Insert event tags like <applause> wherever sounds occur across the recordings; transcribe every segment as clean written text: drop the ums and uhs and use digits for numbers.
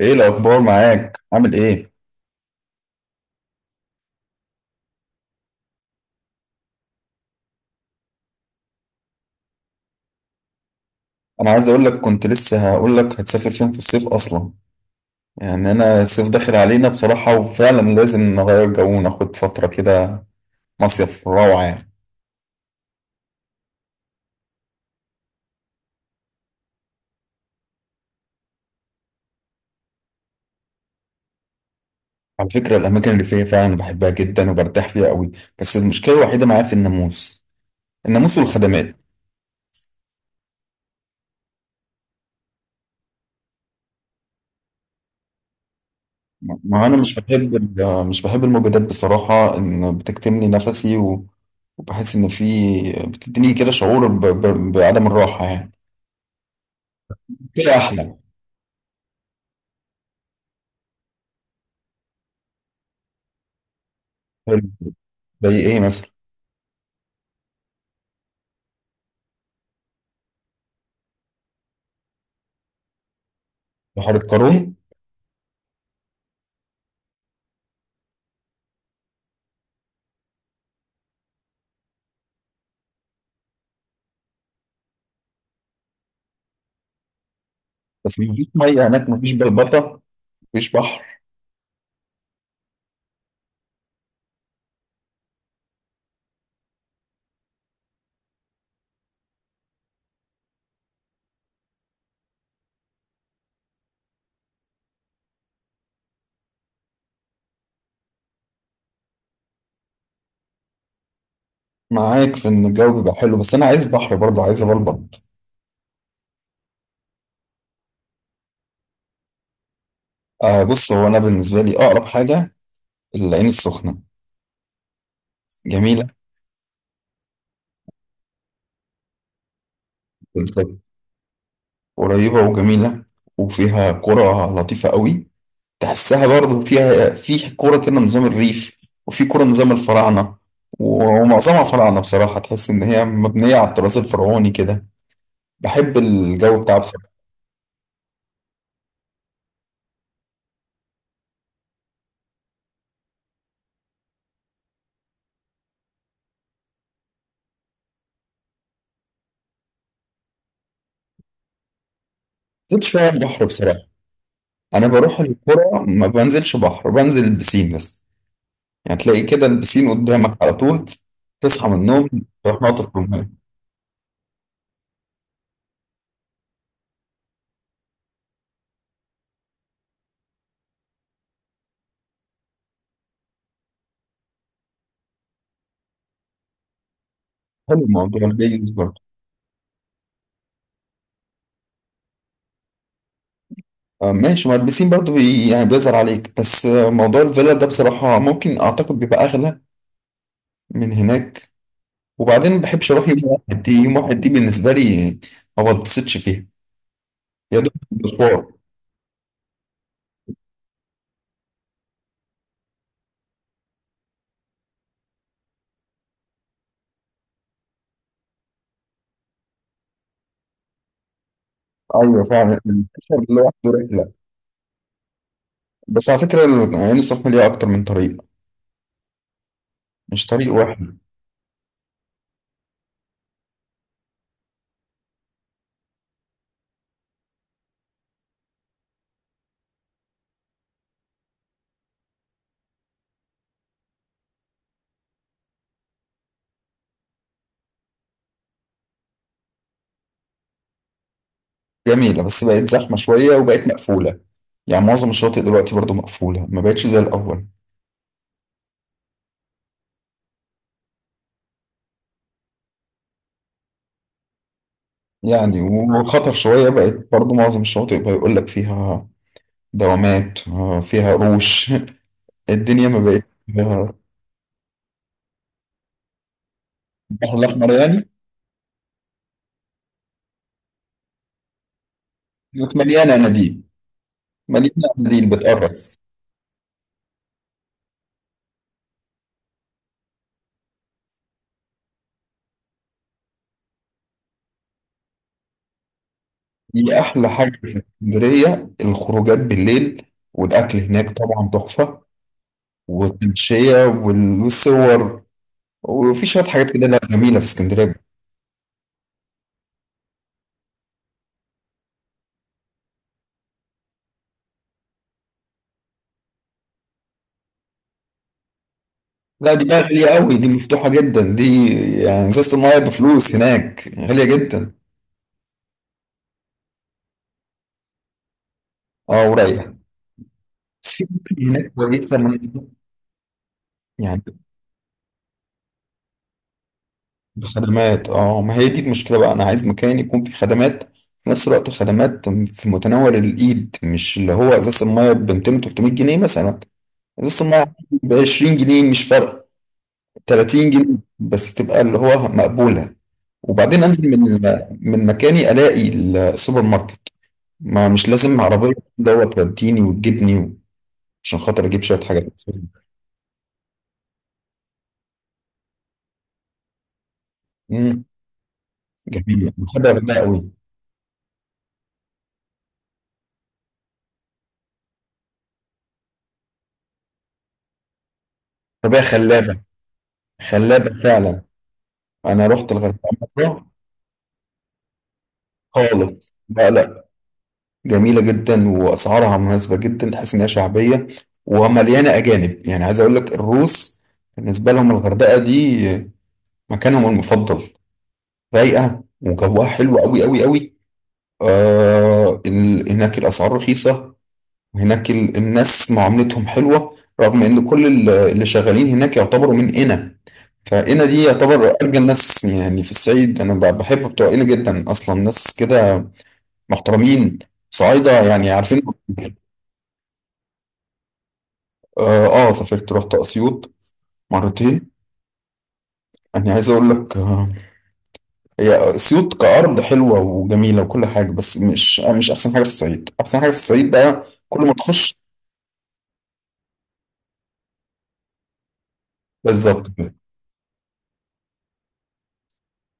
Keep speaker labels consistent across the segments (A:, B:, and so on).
A: ايه الاخبار معاك؟ عامل ايه؟ انا عايز اقول لك كنت لسه هقول لك هتسافر فين في الصيف اصلا. يعني انا الصيف داخل علينا بصراحة، وفعلا لازم نغير جو وناخد فترة كده. مصيف روعة يعني. على فكرة الاماكن اللي فيها فعلا بحبها جدا وبرتاح فيها قوي، بس المشكلة الوحيدة معايا في الناموس. الناموس والخدمات. ما انا مش بحب الموجودات بصراحة، ان بتكتمني نفسي وبحس ان في. بتديني كده شعور بعدم الراحة يعني. كده احلى. طيب، زي ايه مثلا؟ بحر القارون. بس مفيش ميه هناك، مفيش بلبطه، مفيش بحر. معاك في ان الجو بيبقى حلو، بس انا عايز بحر برضه، عايز ابلبط. آه بص، هو انا بالنسبه لي اقرب حاجه العين السخنه، جميله. بالظبط، قريبه وجميله، وفيها قرى لطيفه قوي. تحسها برضه فيها، في قرى كده نظام الريف، وفي قرى نظام الفراعنه. ومعظمها فراعنه بصراحه، تحس ان هي مبنيه على الطراز الفرعوني كده. بحب الجو بتاعها بصراحه. زيت شويه البحر بصراحه. انا بروح القرى ما بنزلش بحر، بنزل البسين بس. يعني تلاقي كده البسين قدامك على طول، تصحى من النوم تروح ناطط في الميه. حلو الموضوع الجيد برضه. آه، ماشي، ما البسين برضه بي يعني بيظهر عليك. بس آه، موضوع الفيلا ده بصراحة ممكن أعتقد بيبقى أغلى من هناك. وبعدين ما بحبش أروح يوم واحد، دي يوم واحد دي بالنسبة لي ما بتبسطش فيها، يا دوب مشوار. أيوه فعلا السفر لوحده رحلة. بس على فكرة، عين السخنة ليها أكتر من طريق، مش طريق واحد. جميلة، بس بقت زحمة شوية وبقت مقفولة. يعني معظم الشواطئ دلوقتي برضو مقفولة، ما بقتش زي الأول يعني. وخطر شوية بقت برضو، معظم الشواطئ بيقول لك فيها دوامات، آه، فيها قروش. <laughs> الدنيا ما بقت. آه، البحر الأحمر يعني. بقت مليانة اناديل، مليانة اناديل بتقرص. دي أحلى حاجة في اسكندرية، الخروجات بالليل. والأكل هناك طبعا تحفة. والتمشية والصور. وفي شوية حاجات كده، لا جميلة في اسكندرية. لا دي بقى غالية قوي، دي مفتوحة جدا دي. يعني ازازة المية بفلوس هناك غالية جدا. اه ورايقة. بس في أماكن هناك كويسة يعني بخدمات. اه ما هي دي المشكلة بقى، أنا عايز مكان يكون فيه خدمات في نفس الوقت، خدمات في متناول الإيد، مش اللي هو إزازة المية ب 200 300 جنيه مثلا. إزازة المية ب 20 جنيه مش فارقة، 30 جنيه بس تبقى اللي هو مقبولة. وبعدين أنزل من مكاني ألاقي السوبر ماركت. ما مش لازم عربية دوت توديني وتجيبني عشان خاطر اجيب شوية حاجات. امم، جميل، بحب الغردقة قوي. الغردقة خلابة، خلابة فعلا. انا رحت الغردقة مرة خالص. لا لا، جميلة جدا واسعارها مناسبة جدا، تحس انها شعبية ومليانة اجانب. يعني عايز اقول لك الروس، بالنسبة لهم الغردقة دي مكانهم المفضل. رايقة وجوها حلو قوي قوي قوي. هناك الاسعار رخيصة. هناك الناس معاملتهم حلوة، رغم ان كل اللي شغالين هناك يعتبروا من قنا. فقنا دي يعتبر ارجى الناس يعني في الصعيد. انا بحب بتوع قنا جدا اصلا، ناس كده محترمين، صعايدة يعني عارفين. اه، آه سافرت، رحت اسيوط مرتين. انا عايز اقول لك آه، هي اسيوط كارض حلوة وجميلة وكل حاجة، بس مش آه مش احسن حاجة في الصعيد. احسن حاجة في الصعيد بقى كل ما تخش. بالظبط كده.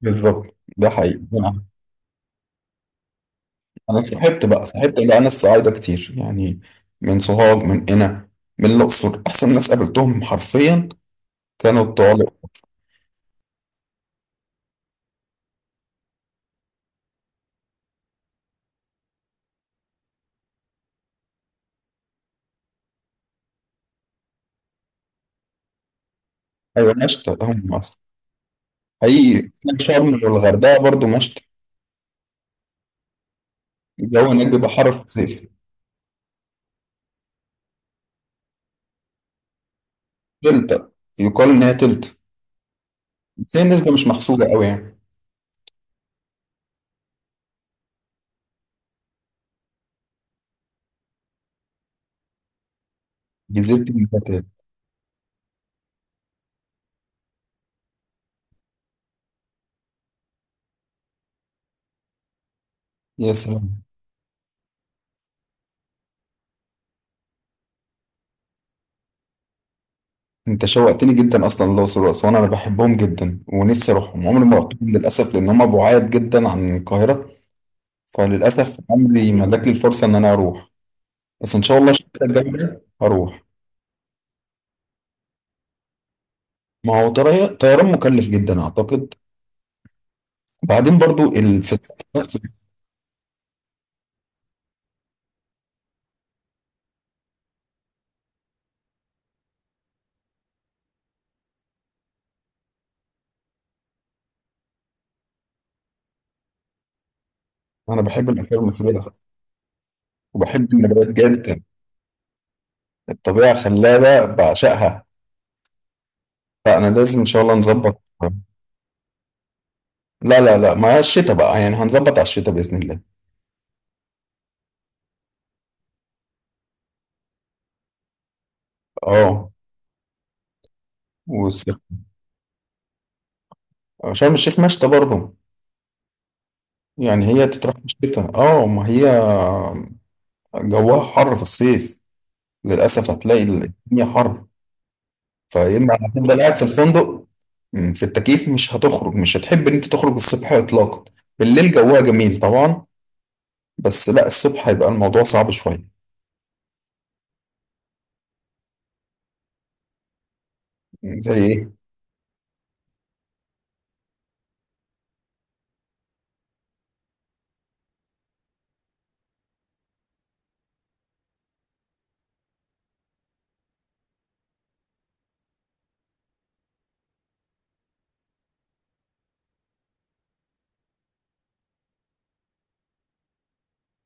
A: بالظبط ده حقيقي. انا صاحبت بقى صاحبت بقى ناس صعايده كتير يعني، من سوهاج، من قنا، من الاقصر. احسن ناس قابلتهم حرفيا كانوا بتوع الأقصر. ايوه مشتى هم اصلا. حقيقي. شرم والغردقه برضو مشتى. الجو هناك بيبقى حر في الصيف. تلتا، يقال ان هي تلتا، بس هي النسبه مش محسوبه قوي يعني. جزيره المفتات. يا سلام. انت شوقتني جدا، اصلا الاقصر واسوان انا بحبهم جدا ونفسي اروحهم، عمري ما رحتهم للاسف، لان هم بعاد جدا عن القاهره، فللاسف عمري ما جات لي الفرصه ان انا اروح. بس ان شاء الله شركتك جامده هروح. ما هو طيران مكلف جدا اعتقد، وبعدين برضو ال... في السفر نفسه. انا بحب الاكل المصريه وبحب النباتات جدا، الطبيعه خلابه بعشقها. فانا لازم ان شاء الله نظبط. لا لا لا، مع الشتاء بقى يعني، هنظبط على الشتاء باذن الله. اه. والصيف. شرم الشيخ مشتى برضه، يعني هي تتراح في الشتاء اه. ما هي جواها حر في الصيف، للاسف هتلاقي الدنيا حر، فيا اما هتفضل قاعد في الفندق. مم، في التكييف. مش هتخرج، مش هتحب ان انت تخرج الصبح اطلاقا. بالليل جوها جميل طبعا، بس لا الصبح هيبقى الموضوع صعب شويه. مم، زي ايه؟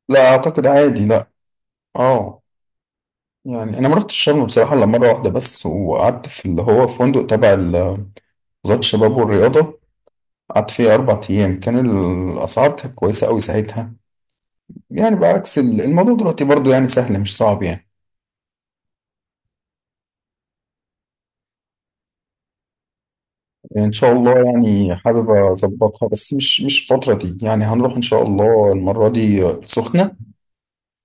A: لا اعتقد عادي، لا. اه، يعني انا ما رحتش شرم بصراحه الا مره واحده بس، وقعدت في اللي هو فندق تبع وزاره الشباب والرياضه. قعدت فيه اربع ايام، كان الاسعار كانت كويسه قوي ساعتها. يعني بعكس الموضوع دلوقتي برضو يعني سهل مش صعب يعني. ان شاء الله يعني حابب اظبطها، بس مش الفتره دي يعني. هنروح ان شاء الله المره دي السخنه،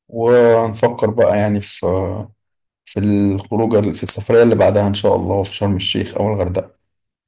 A: ونفكر بقى يعني في في الخروجه، في السفريه اللي بعدها ان شاء الله في شرم الشيخ او الغردقه.